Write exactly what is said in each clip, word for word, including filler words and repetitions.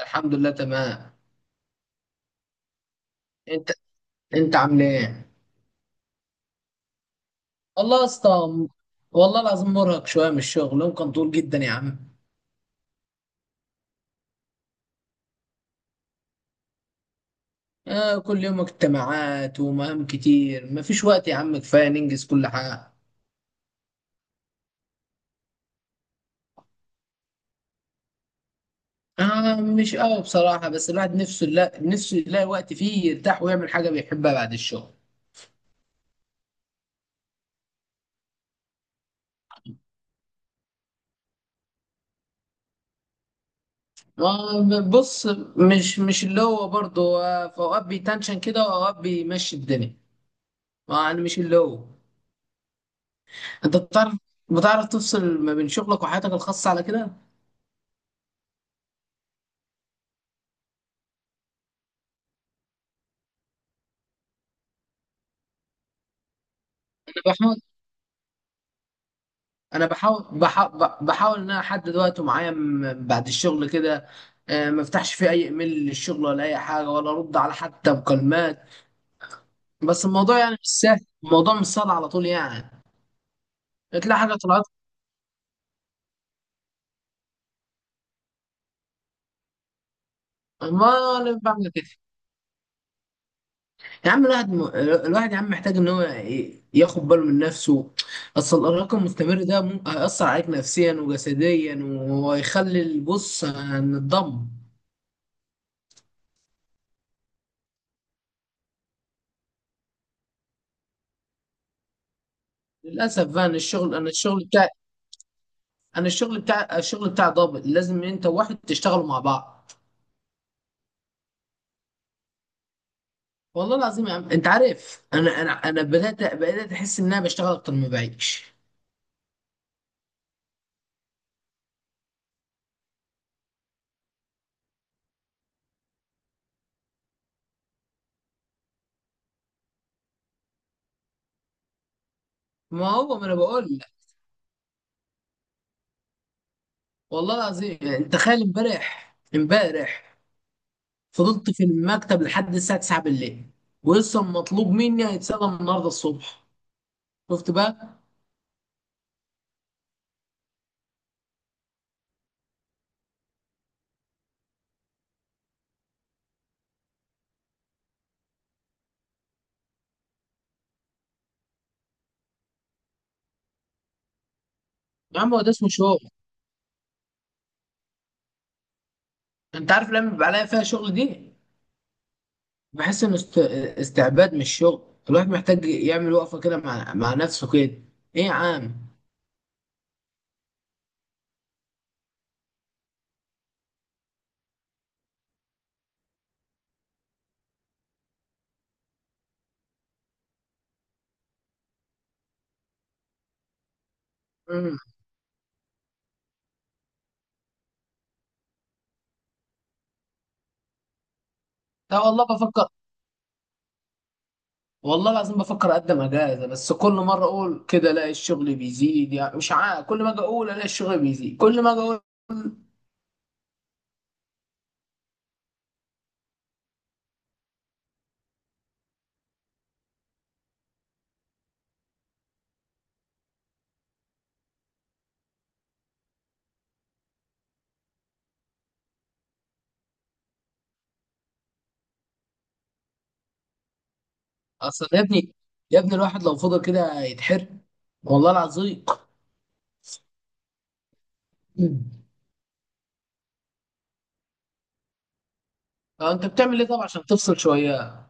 الحمد لله تمام. انت انت عامل ايه؟ والله يا اسطى. والله العظيم مرهق شويه من الشغل، يوم كان طول جدا يا عم. آه، كل يوم اجتماعات ومهام كتير، مفيش وقت يا عم كفايه ننجز كل حاجه. آه، مش قوي بصراحه، بس الواحد نفسه، لا، نفسه يلاقي وقت فيه يرتاح ويعمل حاجه بيحبها بعد الشغل. آه بص، مش مش اللي هو برضه، آه، في اوقات بيتنشن كده واوقات بيمشي الدنيا. آه، يعني مش اللي هو. انت بتعرف بتعرف تفصل ما بين شغلك وحياتك الخاصه على كده؟ بحاول. انا بحاول بحاول بحاول ان انا احدد وقت معين بعد الشغل كده. آه، ما افتحش فيه اي ايميل للشغل ولا اي حاجه ولا ارد على حتى مكالمات. بس الموضوع يعني مش سهل، الموضوع مش سهل على طول يعني. تلاقي حاجه طلعت. ما انا بعمل كده. يا عم الواحد م... الواحد يا عم محتاج ان هو ي- ياخد باله من نفسه. اصل الارهاق المستمر ده ممكن هيأثر عليك نفسيا وجسديا، ويخلي البص هنتدمر. للاسف بقى، إن الشغل، انا الشغل بتاعي، انا الشغل بتاع، الشغل بتاع ضابط، لازم انت وواحد تشتغلوا مع بعض. والله العظيم يا عم، انت عارف، انا انا انا بدات بدات احس ان انا بشتغل اكتر ما بعيش. ما هو ما انا بقول لك. والله العظيم، يعني تخيل، امبارح امبارح فضلت في المكتب لحد الساعه تسعة بالليل، ولسه مطلوب مني هيتسلم النهارده الصبح. شفت بقى؟ يا عم هو ده اسمه شغل. انت عارف لما بيبقى عليا فيها شغل دي، بحس ان است... استعباد مش شغل. الواحد محتاج يعمل وقفه كده، مع مع نفسه كده. ايه يا عم. امم لا، والله بفكر، والله العظيم بفكر اقدم اجازه، بس كل مره اقول كده الاقي الشغل بيزيد. يعني مش عارف، كل ما اجي اقول الاقي الشغل بيزيد، كل ما اجي اقول. اصل يا ابني، يا ابني الواحد لو فضل كده يتحرق، والله العظيم. مم. آه، انت بتعمل ايه طب عشان تفصل شويه؟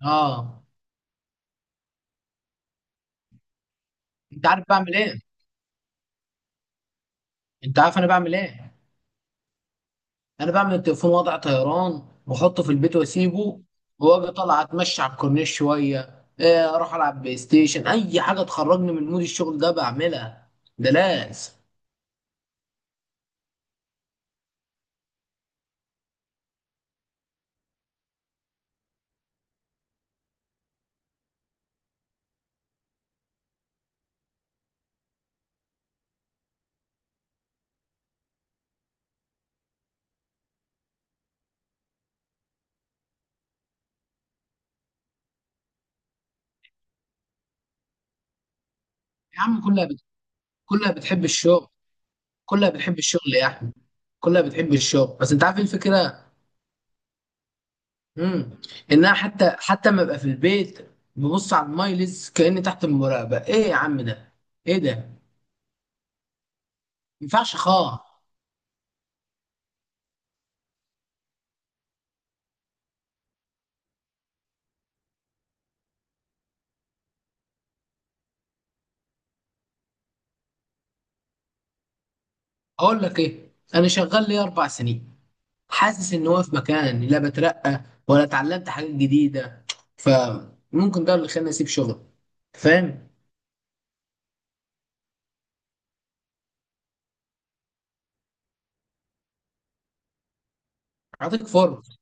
اه. انت عارف بعمل ايه؟ انت عارف انا بعمل ايه؟ انا بعمل التليفون وضع طيران واحطه في البيت واسيبه، واجي طالع اتمشى على الكورنيش شويه، آه، اروح العب بلاي ستيشن، اي حاجه تخرجني من مود الشغل ده بعملها. ده لازم. يا عم كلها بت... كلها بتحب الشغل، كلها بتحب الشغل يا احمد، كلها بتحب الشغل. بس انت عارف ايه الفكره؟ امم انها حتى حتى ما ابقى في البيت، ببص على المايلز كاني تحت المراقبه. ايه يا عم ده؟ ايه ده؟ ما ينفعش خالص. اقول لك ايه، انا شغال لي اربع سنين، حاسس ان هو في مكان، لا بترقى ولا اتعلمت حاجات جديده. فممكن ده اللي خلاني اسيب شغل. فاهم؟ اعطيك فرص.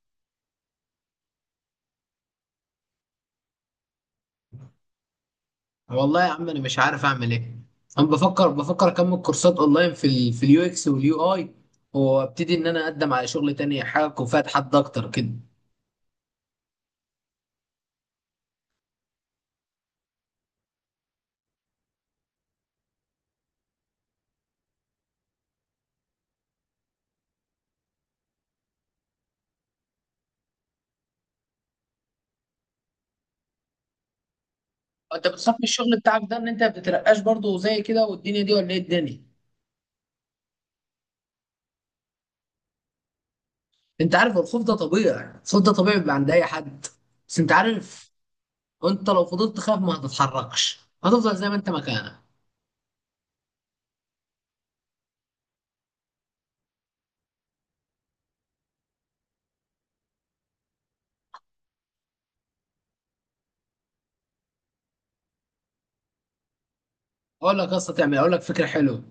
والله يا عم انا مش عارف اعمل ايه، انا بفكر بفكر اكمل كورسات اونلاين في ال في اليو اكس واليو اي، وابتدي ان انا اقدم على شغل تاني، حاجه تكون فيها تحدي اكتر كده. انت بتخاف من الشغل بتاعك ده ان انت ما بتترقاش برضه زي كده والدنيا دي، ولا ايه الدنيا؟ انت عارف الخوف ده طبيعي، الخوف ده طبيعي بيبقى عند اي حد. بس انت عارف، انت لو فضلت تخاف ما هتتحركش، هتفضل زي ما انت مكانك. اقول لك قصه تعمل اقول لك فكره حلوه.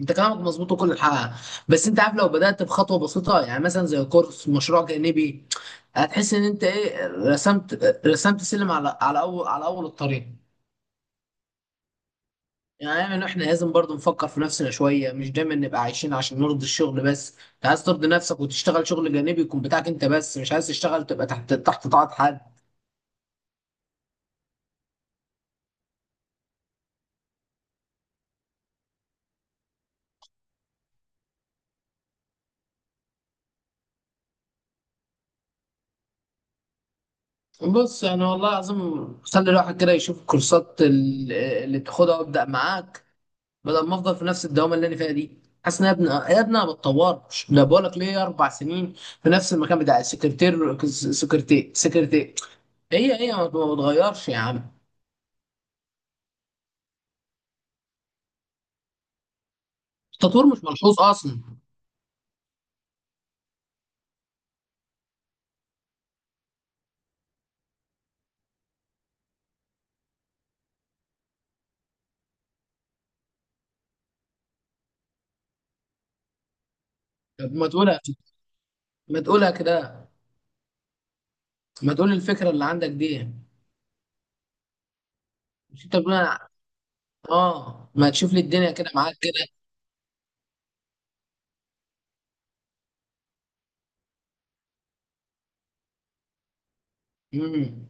انت كلامك مظبوط وكل حاجه. بس انت عارف، لو بدات بخطوه بسيطه، يعني مثلا زي كورس مشروع جانبي، هتحس ان انت ايه، رسمت رسمت سلم على على اول على اول الطريق. يعني احنا، إحنا لازم برضو نفكر في نفسنا شويه، مش دايما نبقى عايشين عشان نرضي الشغل بس. انت عايز ترضي نفسك وتشتغل شغل جانبي يكون بتاعك انت، بس مش عايز تشتغل تبقى تحت تحت طاعه حد. بص يعني والله العظيم، خلي الواحد كده يشوف الكورسات ال- اللي تاخدها وابدا معاك، بدل ما افضل في نفس الدوامه اللي انا فيها دي. حاسس ان، يا ابني، يا ابني انا ما بتطورش. انا بقول لك ليه، اربع سنين في نفس المكان بتاع السكرتير، سكرتير سكرتير، هي هي ما ما بتغيرش يا عم. التطوير مش ملحوظ اصلا. طب ما تقولها ما تقولها كده، ما تقول الفكره اللي عندك دي. مش انت بتقول أنا-. اه، ما تشوف لي الدنيا كده معاك كده. امم.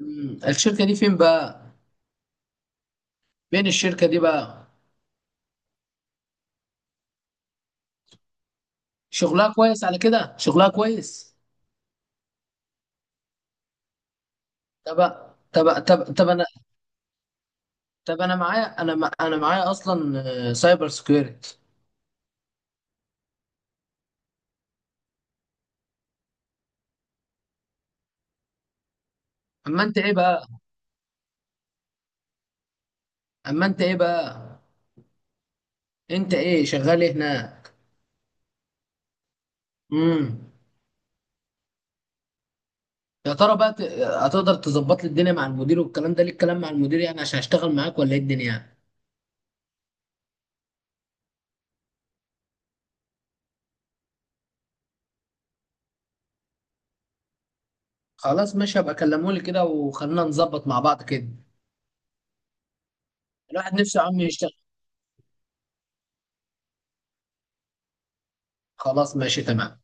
أمم. الشركه دي فين بقى؟ فين الشركه دي بقى؟ شغلها كويس على كده، شغلها كويس. طب طب طب طب انا طب انا معايا، انا مع- انا معايا اصلا سايبر سكيورتي. اما انت ايه بقى، اما انت ايه بقى انت ايه شغال ايه هناك؟ امم يا ترى بقى، ت- هتقدر تظبط لي الدنيا مع المدير؟ والكلام ده ليه الكلام مع المدير يعني، عشان هشتغل معاك ولا ايه الدنيا يعني؟ خلاص ماشي، هبقى كلمولي كده وخلينا نظبط مع بعض كده. الواحد نفسه يا عم يشتغل. خلاص ماشي تمام.